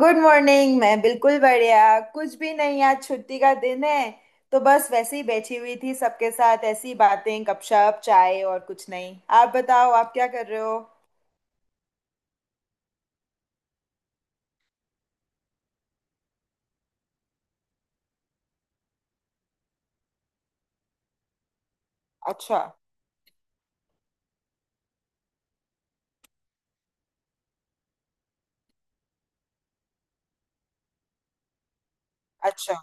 Good morning. मैं बिल्कुल बढ़िया। कुछ भी नहीं, आज छुट्टी का दिन है, तो बस वैसे ही बैठी हुई थी। सबके साथ ऐसी बातें, गपशप, चाय, और कुछ नहीं। आप बताओ, आप क्या कर रहे हो? अच्छा। अच्छा।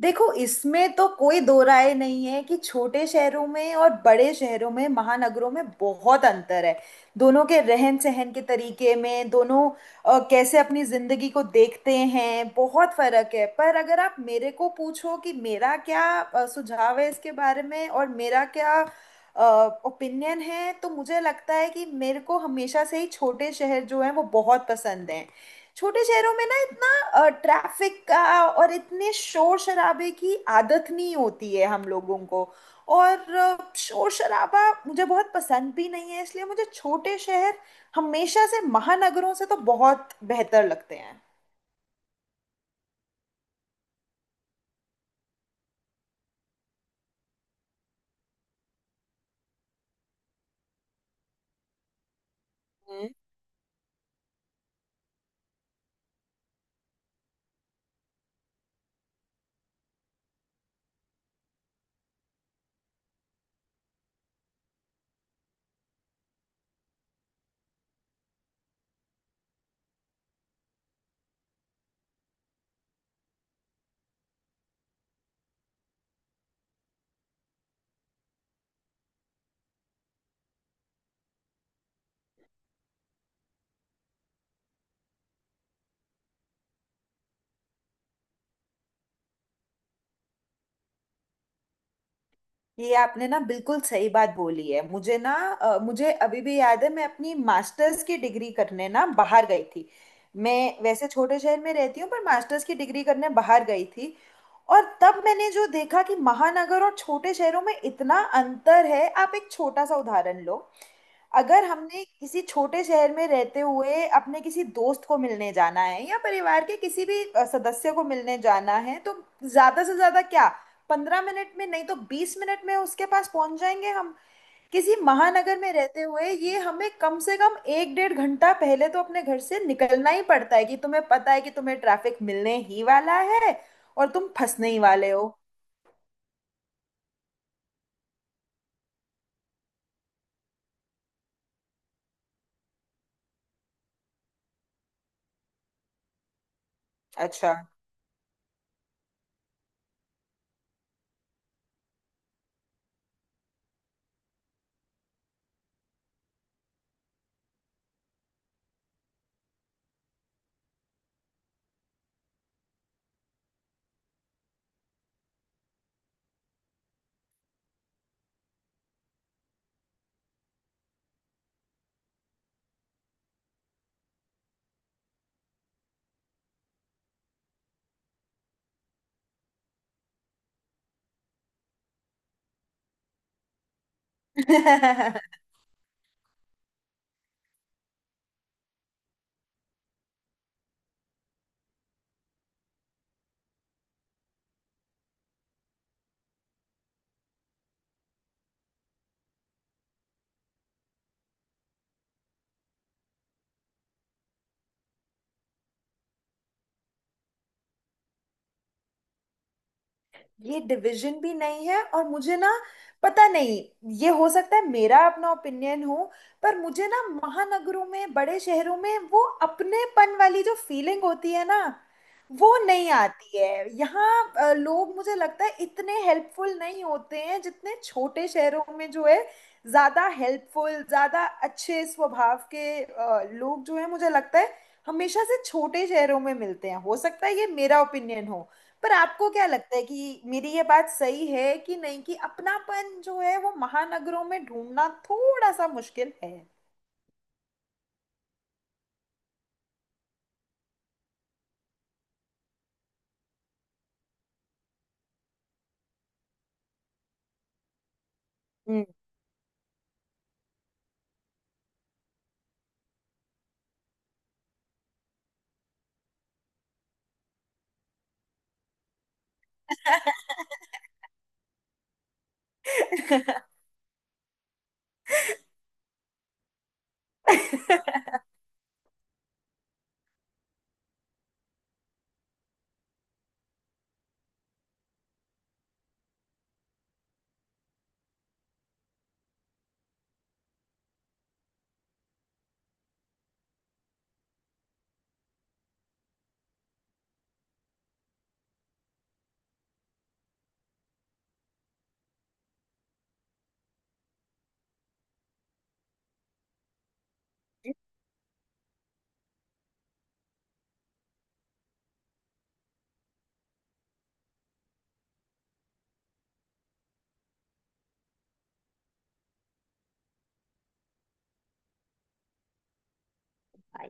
देखो, इसमें तो कोई दो राय नहीं है कि छोटे शहरों में और बड़े शहरों में, महानगरों में, बहुत अंतर है। दोनों के रहन सहन के तरीके में, दोनों कैसे अपनी जिंदगी को देखते हैं, बहुत फर्क है। पर अगर आप मेरे को पूछो कि मेरा क्या सुझाव है इसके बारे में और मेरा क्या ओपिनियन है, तो मुझे लगता है कि मेरे को हमेशा से ही छोटे शहर जो हैं वो बहुत पसंद हैं। छोटे शहरों में ना इतना ट्रैफिक का और इतने शोर शराबे की आदत नहीं होती है हम लोगों को। और शोर शराबा मुझे बहुत पसंद भी नहीं है, इसलिए मुझे छोटे शहर हमेशा से महानगरों से तो बहुत बेहतर लगते हैं। ये आपने ना बिल्कुल सही बात बोली है। मुझे ना मुझे अभी भी याद है, मैं अपनी मास्टर्स की डिग्री करने ना बाहर गई थी। मैं वैसे छोटे शहर में रहती हूँ, पर मास्टर्स की डिग्री करने बाहर गई थी। और तब मैंने जो देखा कि महानगर और छोटे शहरों में इतना अंतर है। आप एक छोटा सा उदाहरण लो, अगर हमने किसी छोटे शहर में रहते हुए अपने किसी दोस्त को मिलने जाना है या परिवार के किसी भी सदस्य को मिलने जाना है, तो ज्यादा से ज्यादा क्या, 15 मिनट में नहीं तो 20 मिनट में उसके पास पहुंच जाएंगे हम। किसी महानगर में रहते हुए ये हमें कम से कम एक डेढ़ घंटा पहले तो अपने घर से निकलना ही पड़ता है कि तुम्हें पता है कि तुम्हें ट्रैफिक मिलने ही वाला है और तुम फंसने ही वाले हो। अच्छा। ये डिवीजन भी नहीं है। और मुझे ना, पता नहीं, ये हो सकता है मेरा अपना ओपिनियन हो, पर मुझे ना महानगरों में, बड़े शहरों में, वो अपनेपन वाली जो फीलिंग होती है ना, वो नहीं आती है यहाँ। लोग मुझे लगता है इतने हेल्पफुल नहीं होते हैं जितने छोटे शहरों में जो है, ज्यादा हेल्पफुल, ज्यादा अच्छे स्वभाव के लोग जो है, मुझे लगता है हमेशा से छोटे शहरों में मिलते हैं। हो सकता है ये मेरा ओपिनियन हो, पर आपको क्या लगता है कि मेरी ये बात सही है कि नहीं, कि अपनापन जो है वो महानगरों में ढूंढना थोड़ा सा मुश्किल है?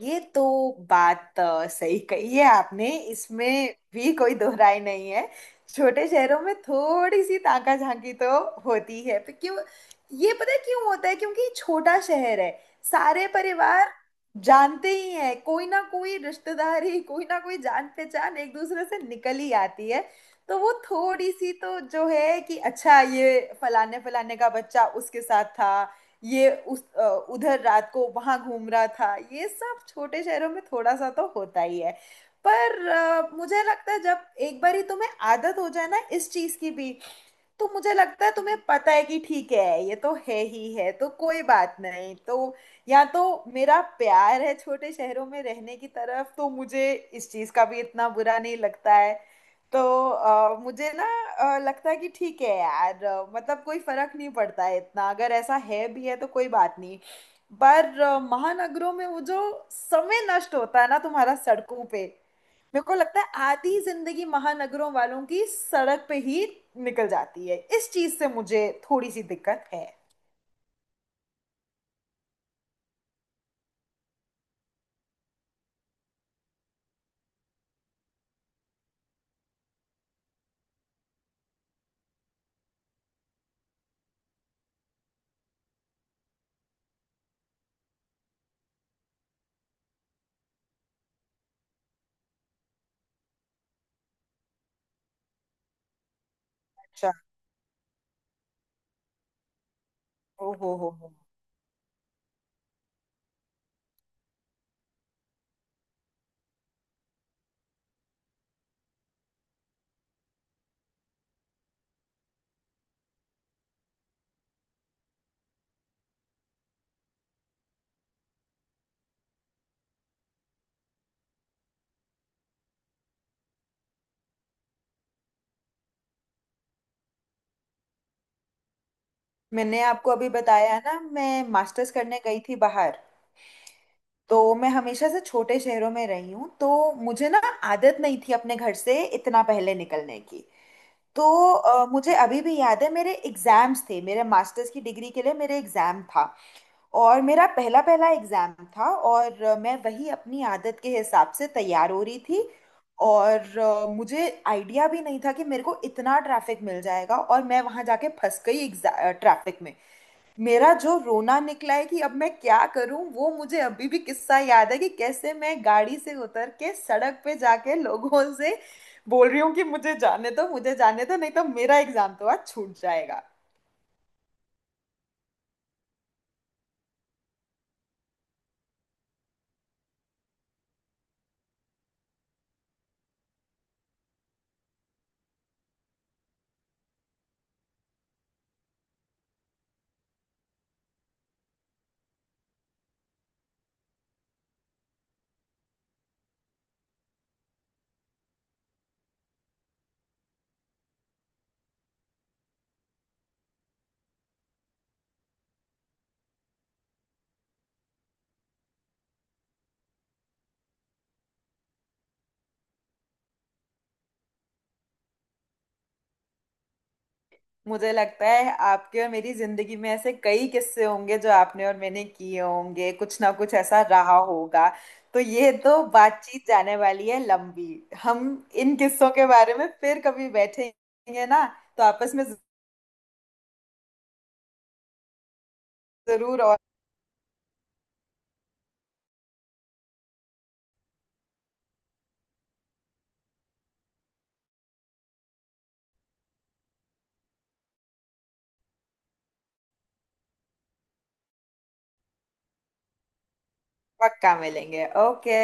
ये तो बात सही कही है आपने, इसमें भी कोई दोहराई नहीं है। छोटे शहरों में थोड़ी सी ताका झांकी तो होती है, पर क्यों, ये पता है क्यों होता है? क्योंकि छोटा शहर है, सारे परिवार जानते ही हैं, कोई ना कोई रिश्तेदारी, कोई ना कोई जान पहचान एक दूसरे से निकल ही आती है। तो वो थोड़ी सी तो जो है कि अच्छा ये फलाने फलाने का बच्चा उसके साथ था, ये उस उधर रात को वहां घूम रहा था, ये सब छोटे शहरों में थोड़ा सा तो होता ही है। पर मुझे लगता है जब एक बारी तुम्हें आदत हो जाए ना इस चीज की भी, तो मुझे लगता है तुम्हें पता है कि ठीक है, ये तो है ही है, तो कोई बात नहीं। तो या तो मेरा प्यार है छोटे शहरों में रहने की तरफ, तो मुझे इस चीज का भी इतना बुरा नहीं लगता है। तो मुझे ना लगता है कि ठीक है यार, मतलब कोई फर्क नहीं पड़ता है इतना, अगर ऐसा है भी है तो कोई बात नहीं। पर महानगरों में वो जो समय नष्ट होता है ना तुम्हारा सड़कों पे, मेरे को लगता है आधी जिंदगी महानगरों वालों की सड़क पे ही निकल जाती है। इस चीज से मुझे थोड़ी सी दिक्कत है। अच्छा। ओ हो हो। मैंने आपको अभी बताया ना, मैं मास्टर्स करने गई थी बाहर, तो मैं हमेशा से छोटे शहरों में रही हूँ, तो मुझे ना आदत नहीं थी अपने घर से इतना पहले निकलने की। तो मुझे अभी भी याद है, मेरे एग्जाम्स थे, मेरे मास्टर्स की डिग्री के लिए मेरे एग्जाम था, और मेरा पहला पहला एग्जाम था। और मैं वही अपनी आदत के हिसाब से तैयार हो रही थी, और मुझे आइडिया भी नहीं था कि मेरे को इतना ट्रैफिक मिल जाएगा, और मैं वहां जाके फंस गई ट्रैफिक में। मेरा जो रोना निकला है कि अब मैं क्या करूं, वो मुझे अभी भी किस्सा याद है कि कैसे मैं गाड़ी से उतर के सड़क पे जाके लोगों से बोल रही हूँ कि मुझे जाने दो, मुझे जाने दो, नहीं तो मेरा एग्जाम तो आज छूट जाएगा। मुझे लगता है आपके और मेरी जिंदगी में ऐसे कई किस्से होंगे जो आपने और मैंने किए होंगे, कुछ ना कुछ ऐसा रहा होगा। तो ये तो बातचीत जाने वाली है लंबी। हम इन किस्सों के बारे में फिर कभी बैठेंगे ना, तो आपस में, जरूर। पक्का मिलेंगे, ओके।